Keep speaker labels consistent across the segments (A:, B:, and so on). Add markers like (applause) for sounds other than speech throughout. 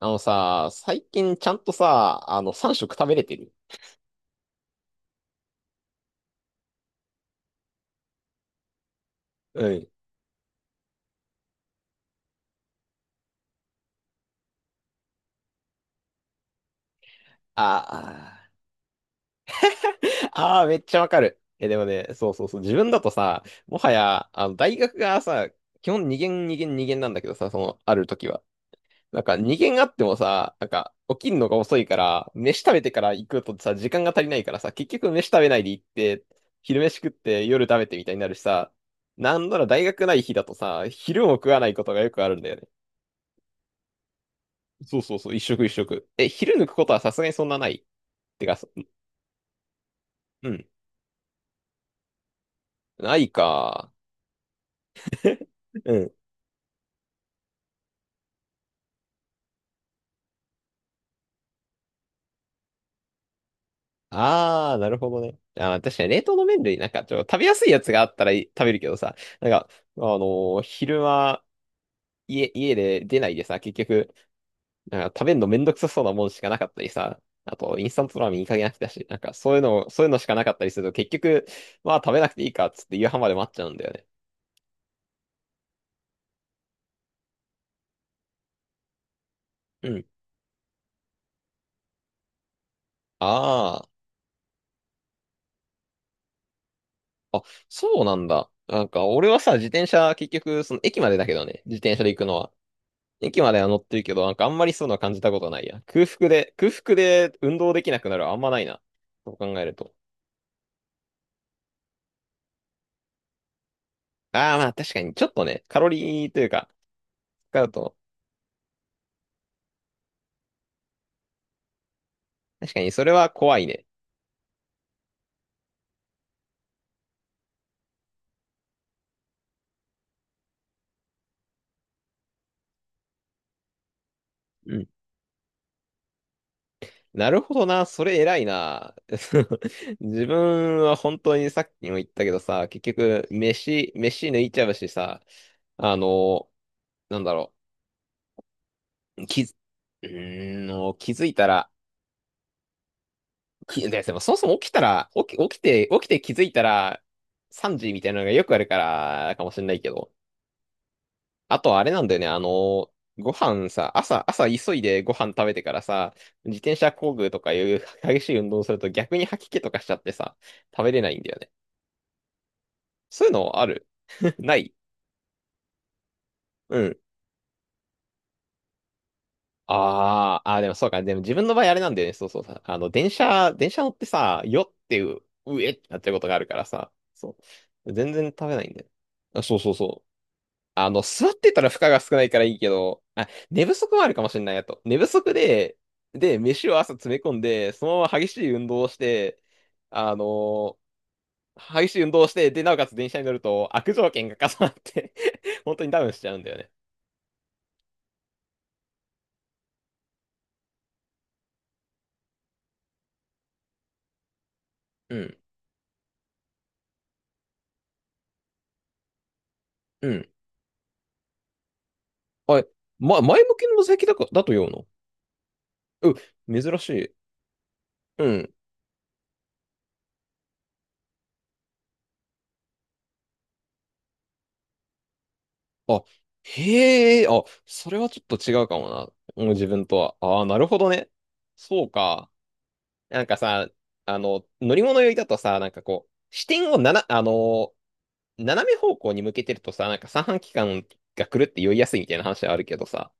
A: あのさ、最近ちゃんとさ、3食食べれてる？うん。あーあー、(laughs) ああ、めっちゃわかる。え、でもね、そうそうそう、自分だとさ、もはや、大学がさ、基本2限2限2限なんだけどさ、その、ある時は。なんか2限あってもさ、なんか、起きるのが遅いから、飯食べてから行くとさ、時間が足りないからさ、結局飯食べないで行って、昼飯食って夜食べてみたいになるしさ、なんなら大学ない日だとさ、昼も食わないことがよくあるんだよね。そうそうそう、一食一食。え、昼抜くことはさすがにそんなない。てか、うん。ないか。うん。あー、なるほどね。あー、確かに冷凍の麺類、なんか食べやすいやつがあったらい食べるけどさ、なんか、あの昼間、家で出ないでさ、結局、なんか食べるのめんどくさそうなもんしかなかったりさ、あと、インスタントラーメンいい加減飽きたし、なんかそういうのしかなかったりすると、結局、まあ食べなくていいかっつって夕飯まで待っちゃうんだよね。うん。ああ、そうなんだ。なんか、俺はさ、自転車、結局、駅までだけどね、自転車で行くのは。駅までは乗ってるけど、なんか、あんまりそういうのは感じたことないや。空腹で運動できなくなるはあんまないな。そう考えると。ああ、まあ、確かに、ちょっとね、カロリーというか、使うと、確かに、それは怖いね。うん。なるほどな、それ偉いな。(laughs) 自分は本当にさっきも言ったけどさ、結局、飯抜いちゃうしさ、あの、なんだろう。き、うーん、もう気づいたら、でもそもそも起きたら、起きて気づいたら、3時みたいなのがよくあるから、かもしれないけど。あとあれなんだよね、ご飯さ、朝急いでご飯食べてからさ、自転車工具とかいう激しい運動をすると逆に吐き気とかしちゃってさ、食べれないんだよね。そういうのある？ (laughs) ない。うん。あーあー、でもそうか。でも自分の場合あれなんだよね。そうそうさ。電車乗ってさ、よっていう、うえってなっちゃうことがあるからさ。そう。全然食べないんだよ。あ、そうそうそう。座ってたら負荷が少ないからいいけど、あ、寝不足もあるかもしれないやと。寝不足で、飯を朝詰め込んで、そのまま激しい運動をして、あのーで、なおかつ電車に乗ると悪条件が重なって (laughs) 本当にダウンしちゃうんだよね。うん、うん。あれ、ま、前向きの座席だか、だと言うのう、珍しい。うん。あ、へえ、あ、それはちょっと違うかもな。もう自分とは。ああ、なるほどね。そうか。なんかさ、乗り物酔いだとさ、なんかこう、視点を斜め方向に向けてるとさ、なんか三半規管が狂って酔いやすいみたいな話はあるけどさ、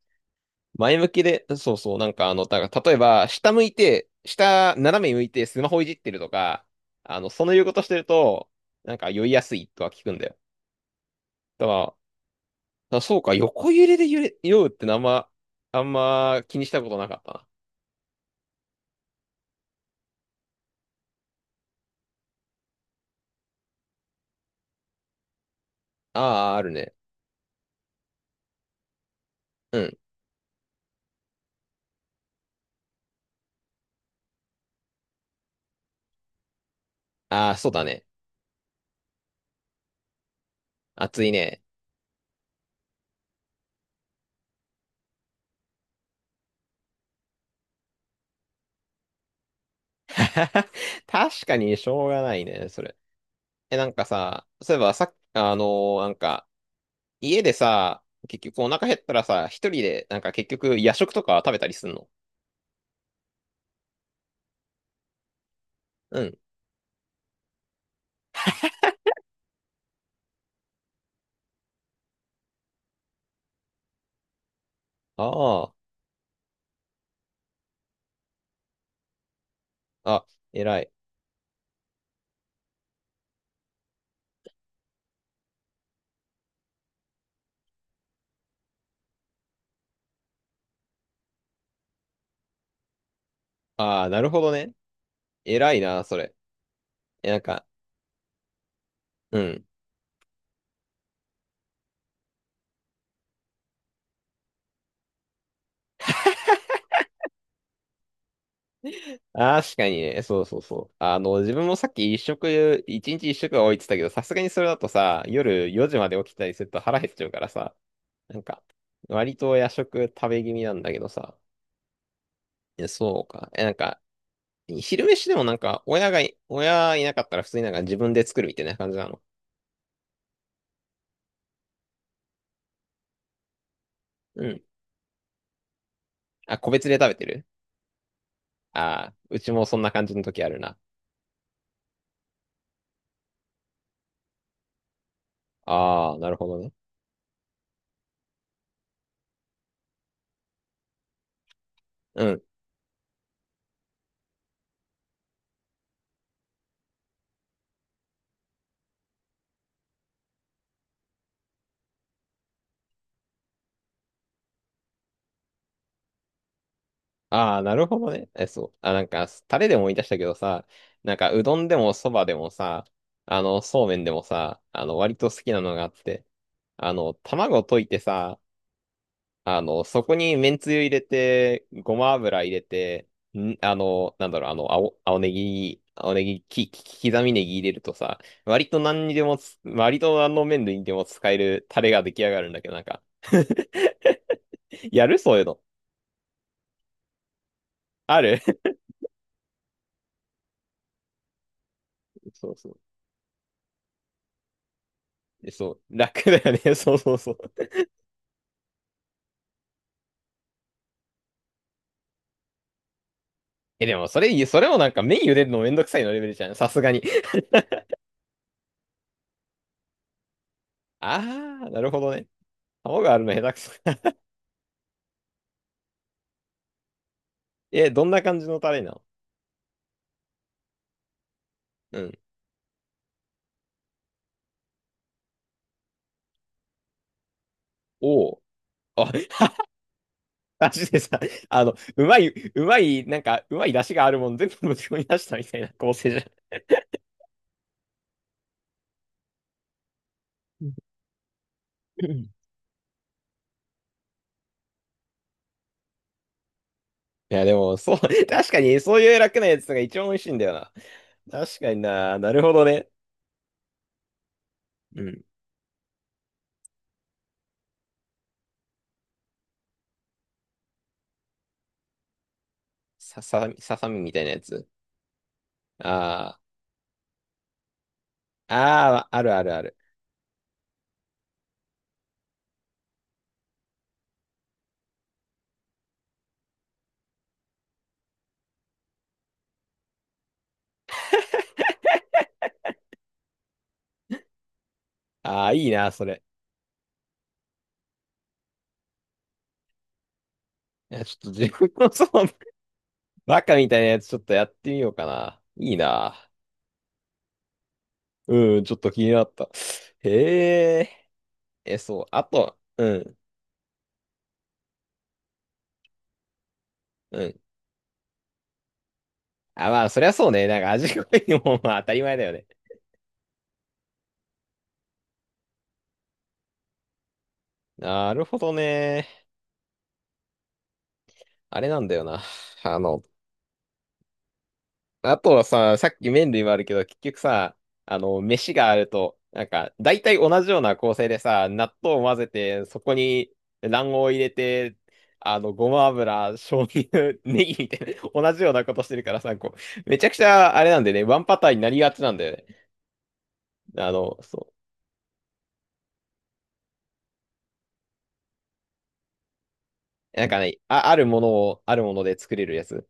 A: 前向きで、そうそう、なんかだから例えば、下向いて、斜め向いてスマホいじってるとか、その言うことしてると、なんか酔いやすいとは聞くんだよ。だから。あ、そうか、横揺れで酔うってあんま気にしたことなかったな。ああ、あるね。うん。ああ、そうだね。暑いね。(laughs) 確かにしょうがないね、それ。え、なんかさ、そういえばさっき、なんか、家でさ、結局お腹減ったらさ、一人で、なんか結局夜食とか食べたりすんの？うん。ああ、あ、偉い。ああ、なるほどね。偉いな、それ。え、なんか、うん。確かにね、そうそうそう。自分もさっき一日一食は多いって言ったけど、さすがにそれだとさ、夜4時まで起きたりすると腹減っちゃうからさ、なんか、割と夜食食べ気味なんだけどさ、え、そうか。え、なんか、昼飯でもなんか、親いなかったら普通になんか自分で作るみたいな感じなの。うん。あ、個別で食べてる？ああー、うちもそんな感じの時あるな。ああ、なるほどね。うん。ああ、なるほどね。え、そう。あ、なんか、タレでも思い出したけどさ、なんか、うどんでもそばでもさ、そうめんでもさ、割と好きなのがあって、卵溶いてさ、そこにめんつゆ入れて、ごま油入れて、なんだろう、青ネギ、刻みネギ入れるとさ、割と何の麺類にでも使えるタレが出来上がるんだけど、なんか (laughs) やるそういうの？ある。 (laughs) そうそう。えそう、楽だよね。(laughs) そうそうそう。え、でもそれもなんか麺茹でるのめんどくさいのレベルじゃん。さすがに。(laughs) あー、なるほどね。卵あるの下手くそ。(laughs) え、どんな感じのタレなの？うん。おお。あ、(laughs) マジでさ、うまい、うまい、なんか、うまい出汁があるもん全部ぶち込み出したみたいな構成じゃん。うん。 (laughs) いや、でも、そう、(laughs) 確かに、そういう楽なやつが一番美味しいんだよな。確かにな、なるほどね。うん。ささみみたいなやつ。ああ、ああ、あるあるある。ああ、いいな、それ。いや、ちょっと自分の (laughs) バカみたいなやつちょっとやってみようかな。いいな。うん、ちょっと気になった。へえ。え、そう。あと、うん、うん。あ、まあ、そりゃそうね。なんか味濃いのも、まあ、当たり前だよね。なるほどね。あれなんだよな。あの、あとはさ、さっき麺類もあるけど、結局さ、飯があると、なんか、大体同じような構成でさ、納豆を混ぜて、そこに卵黄を入れて、ごま油、醤油、(laughs) ネギみたいな、同じようなことしてるからさ、こう、めちゃくちゃ、あれなんでね、ワンパターンになりがちなんだよね。そう。なんかね、あ、あるものを、あるもので作れるやつ。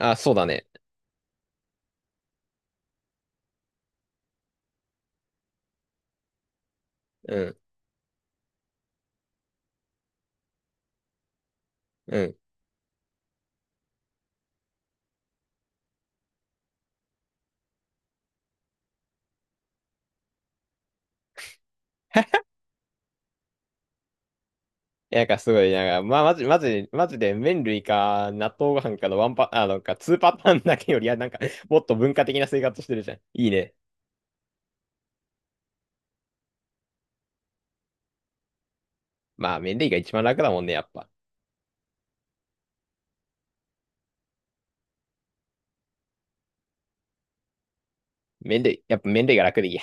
A: あ、そうだね。うん。うん。いや、なんかすごい、なんか、まあ、マジ、マジ、マジで麺類か納豆ご飯かのワンパ、あ、なんか2パターンだけより、いや、なんか、もっと文化的な生活してるじゃん。いいね。まあ、麺類が一番楽だもんね、やっぱ。麺類、やっぱ麺類が楽でいいや。